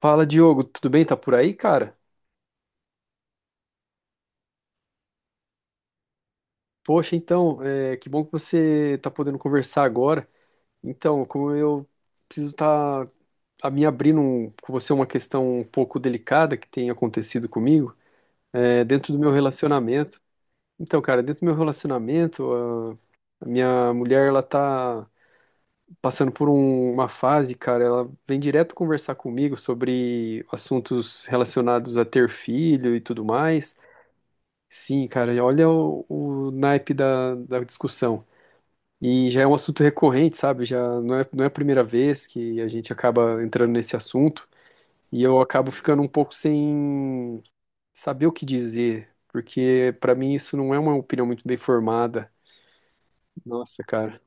Fala, Diogo, tudo bem? Tá por aí, cara? Poxa, então, que bom que você tá podendo conversar agora. Então, como eu preciso estar tá, a me abrindo com você uma questão um pouco delicada que tem acontecido comigo, dentro do meu relacionamento. Então, cara, dentro do meu relacionamento, a minha mulher, ela tá passando por uma fase, cara, ela vem direto conversar comigo sobre assuntos relacionados a ter filho e tudo mais. Sim, cara, e olha o naipe da discussão. E já é um assunto recorrente, sabe? Já não é a primeira vez que a gente acaba entrando nesse assunto. E eu acabo ficando um pouco sem saber o que dizer, porque pra mim isso não é uma opinião muito bem formada. Nossa, cara.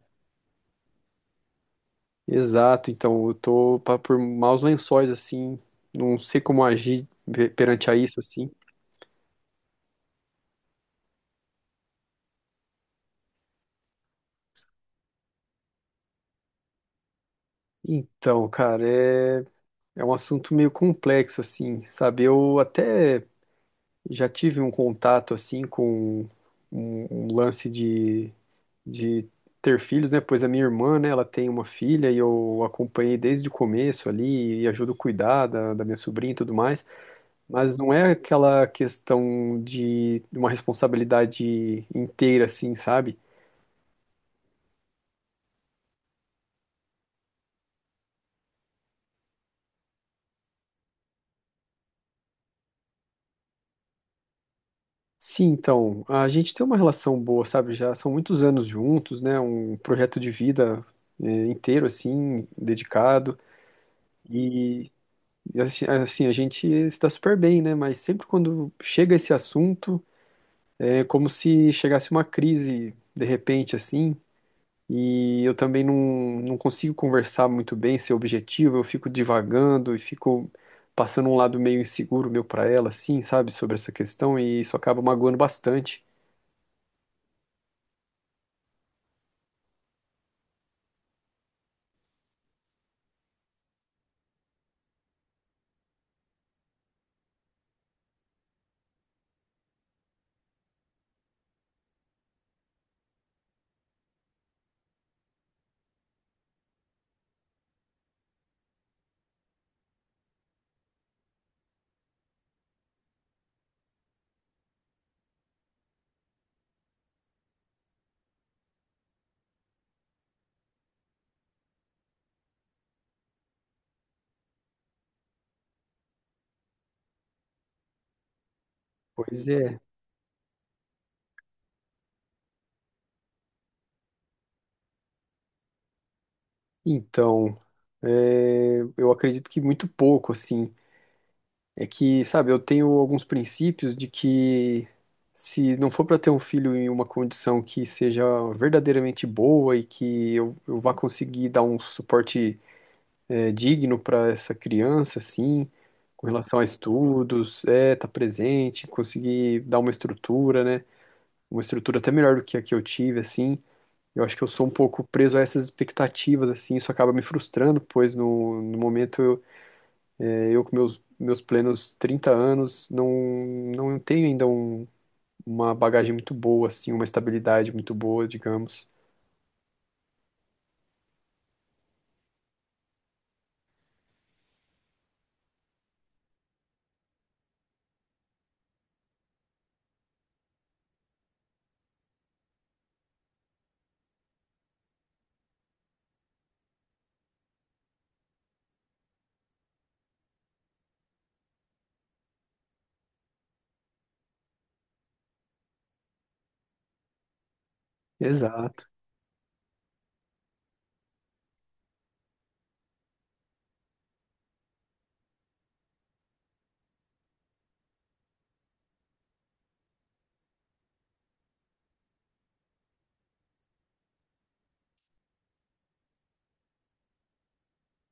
Exato, então eu tô por maus lençóis, assim. Não sei como agir perante a isso, assim. Então, cara, é um assunto meio complexo, assim, sabe? Eu até. Já tive um contato assim com um lance de ter filhos, né? Pois a minha irmã, né, ela tem uma filha e eu acompanhei desde o começo ali e ajudo a cuidar da minha sobrinha e tudo mais. Mas não é aquela questão de uma responsabilidade inteira assim, sabe? Sim, então, a gente tem uma relação boa, sabe? Já são muitos anos juntos, né? Um projeto de vida inteiro assim, dedicado. e E assim, a gente está super bem, né? Mas sempre quando chega esse assunto, é como se chegasse uma crise de repente, assim. E eu também não consigo conversar muito bem, ser objetivo. Eu fico divagando e fico passando um lado meio inseguro meu para ela, assim, sabe? Sobre essa questão. E isso acaba magoando bastante. Pois é. Então, eu acredito que muito pouco, assim. É que, sabe, eu tenho alguns princípios de que se não for para ter um filho em uma condição que seja verdadeiramente boa e que eu vá conseguir dar um suporte digno para essa criança, assim, com relação a estudos, tá presente, conseguir dar uma estrutura, né? Uma estrutura até melhor do que a que eu tive, assim. Eu acho que eu sou um pouco preso a essas expectativas, assim, isso acaba me frustrando, pois no momento eu com meus plenos 30 anos não tenho ainda uma bagagem muito boa, assim, uma estabilidade muito boa, digamos. Exato.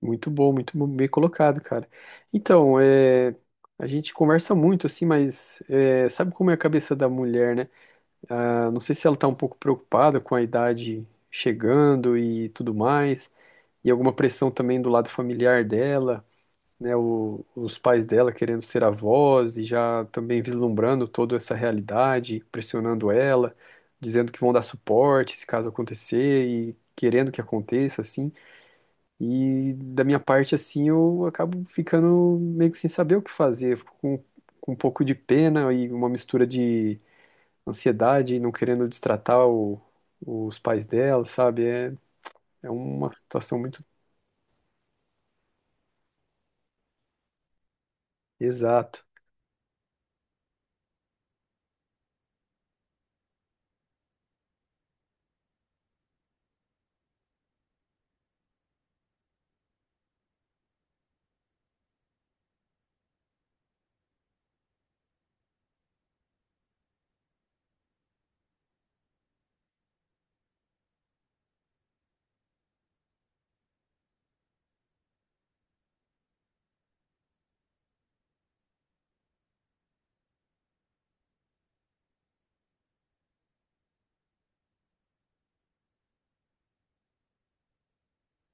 Muito bom, bem colocado, cara. Então, a gente conversa muito, assim, mas é, sabe como é a cabeça da mulher, né? Ah, não sei se ela tá um pouco preocupada com a idade chegando e tudo mais, e alguma pressão também do lado familiar dela. Né, os pais dela querendo ser avós e já também vislumbrando toda essa realidade, pressionando ela, dizendo que vão dar suporte se caso acontecer e querendo que aconteça, assim. E da minha parte, assim, eu acabo ficando meio que sem saber o que fazer, fico com, um pouco de pena e uma mistura de ansiedade, não querendo destratar os pais dela, sabe? É, uma situação muito exata.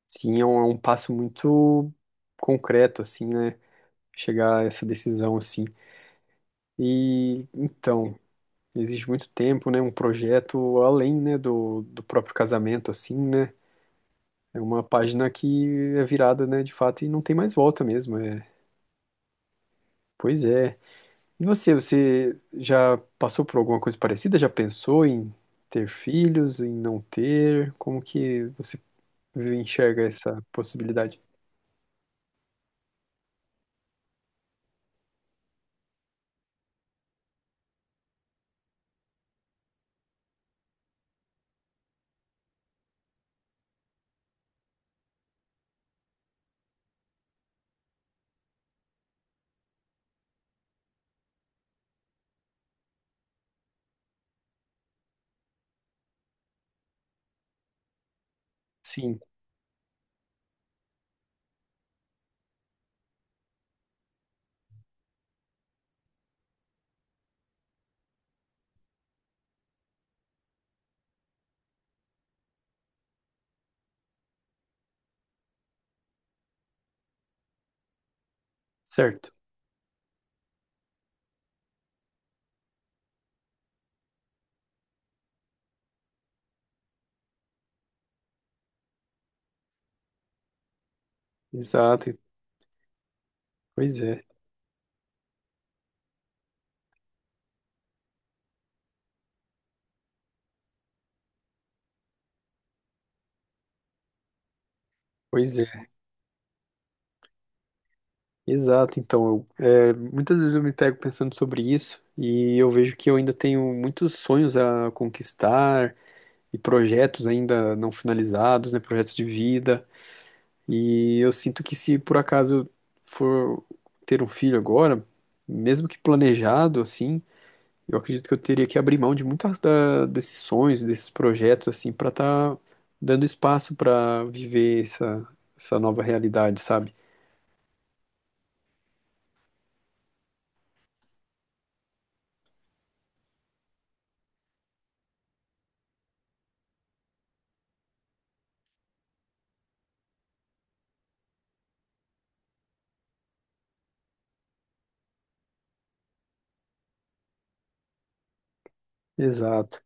Sim, é um passo muito concreto, assim, né? Chegar a essa decisão, assim. E, então, exige muito tempo, né? Um projeto além, né, do próprio casamento, assim, né? É uma página que é virada, né, de fato, e não tem mais volta mesmo. É. Pois é. E você, você já passou por alguma coisa parecida? Já pensou em ter filhos, em não ter? Como que você enxerga essa possibilidade? Sim, certo. Exato. Pois é. Pois é, exato. Então, eu, muitas vezes eu me pego pensando sobre isso e eu vejo que eu ainda tenho muitos sonhos a conquistar e projetos ainda não finalizados, né, projetos de vida. E eu sinto que se por acaso eu for ter um filho agora, mesmo que planejado assim, eu acredito que eu teria que abrir mão de muitas desses sonhos, desses projetos assim, para estar dando espaço para viver essa nova realidade, sabe? Exato.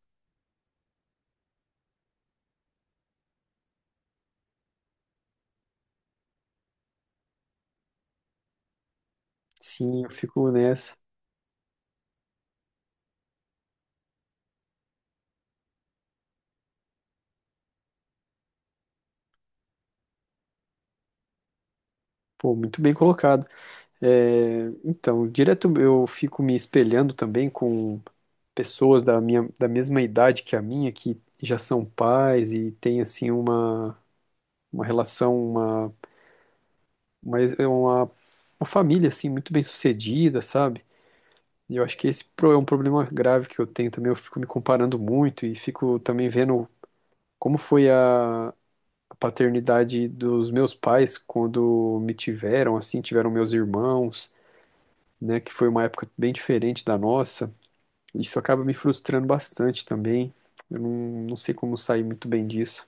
Sim, eu fico nessa. Pô, muito bem colocado. É, então, direto eu fico me espelhando também com pessoas da mesma idade que a minha, que já são pais e têm, assim, uma relação, uma, é uma, uma família, assim, muito bem sucedida, sabe? E eu acho que esse é um problema grave que eu tenho também. Eu fico me comparando muito e fico também vendo como foi a paternidade dos meus pais quando me tiveram, assim, tiveram meus irmãos, né, que foi uma época bem diferente da nossa. Isso acaba me frustrando bastante também. Eu não sei como sair muito bem disso.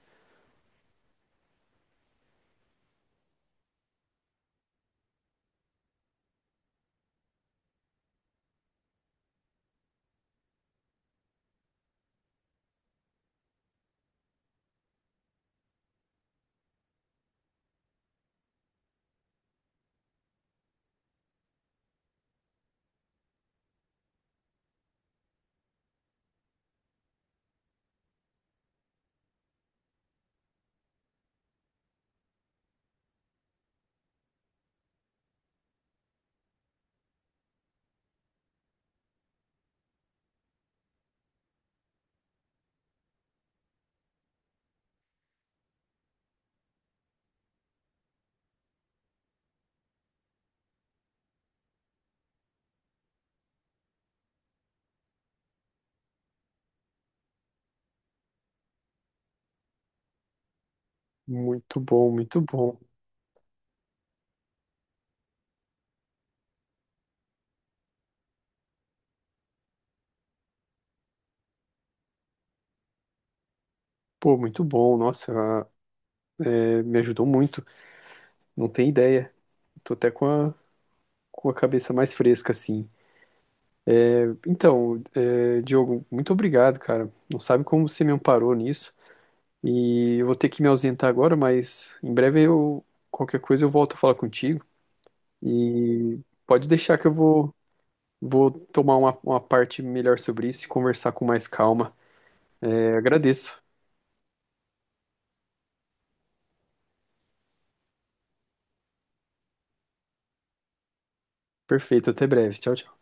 Muito bom, muito bom. Pô, muito bom. Nossa, é, me ajudou muito. Não tem ideia. Tô até com a, cabeça mais fresca, assim. Então, é, Diogo, muito obrigado, cara. Não sabe como você me amparou nisso. E eu vou ter que me ausentar agora, mas em breve eu, qualquer coisa eu volto a falar contigo. E pode deixar que eu vou tomar uma parte melhor sobre isso e conversar com mais calma. É, agradeço. Perfeito, até breve. Tchau, tchau.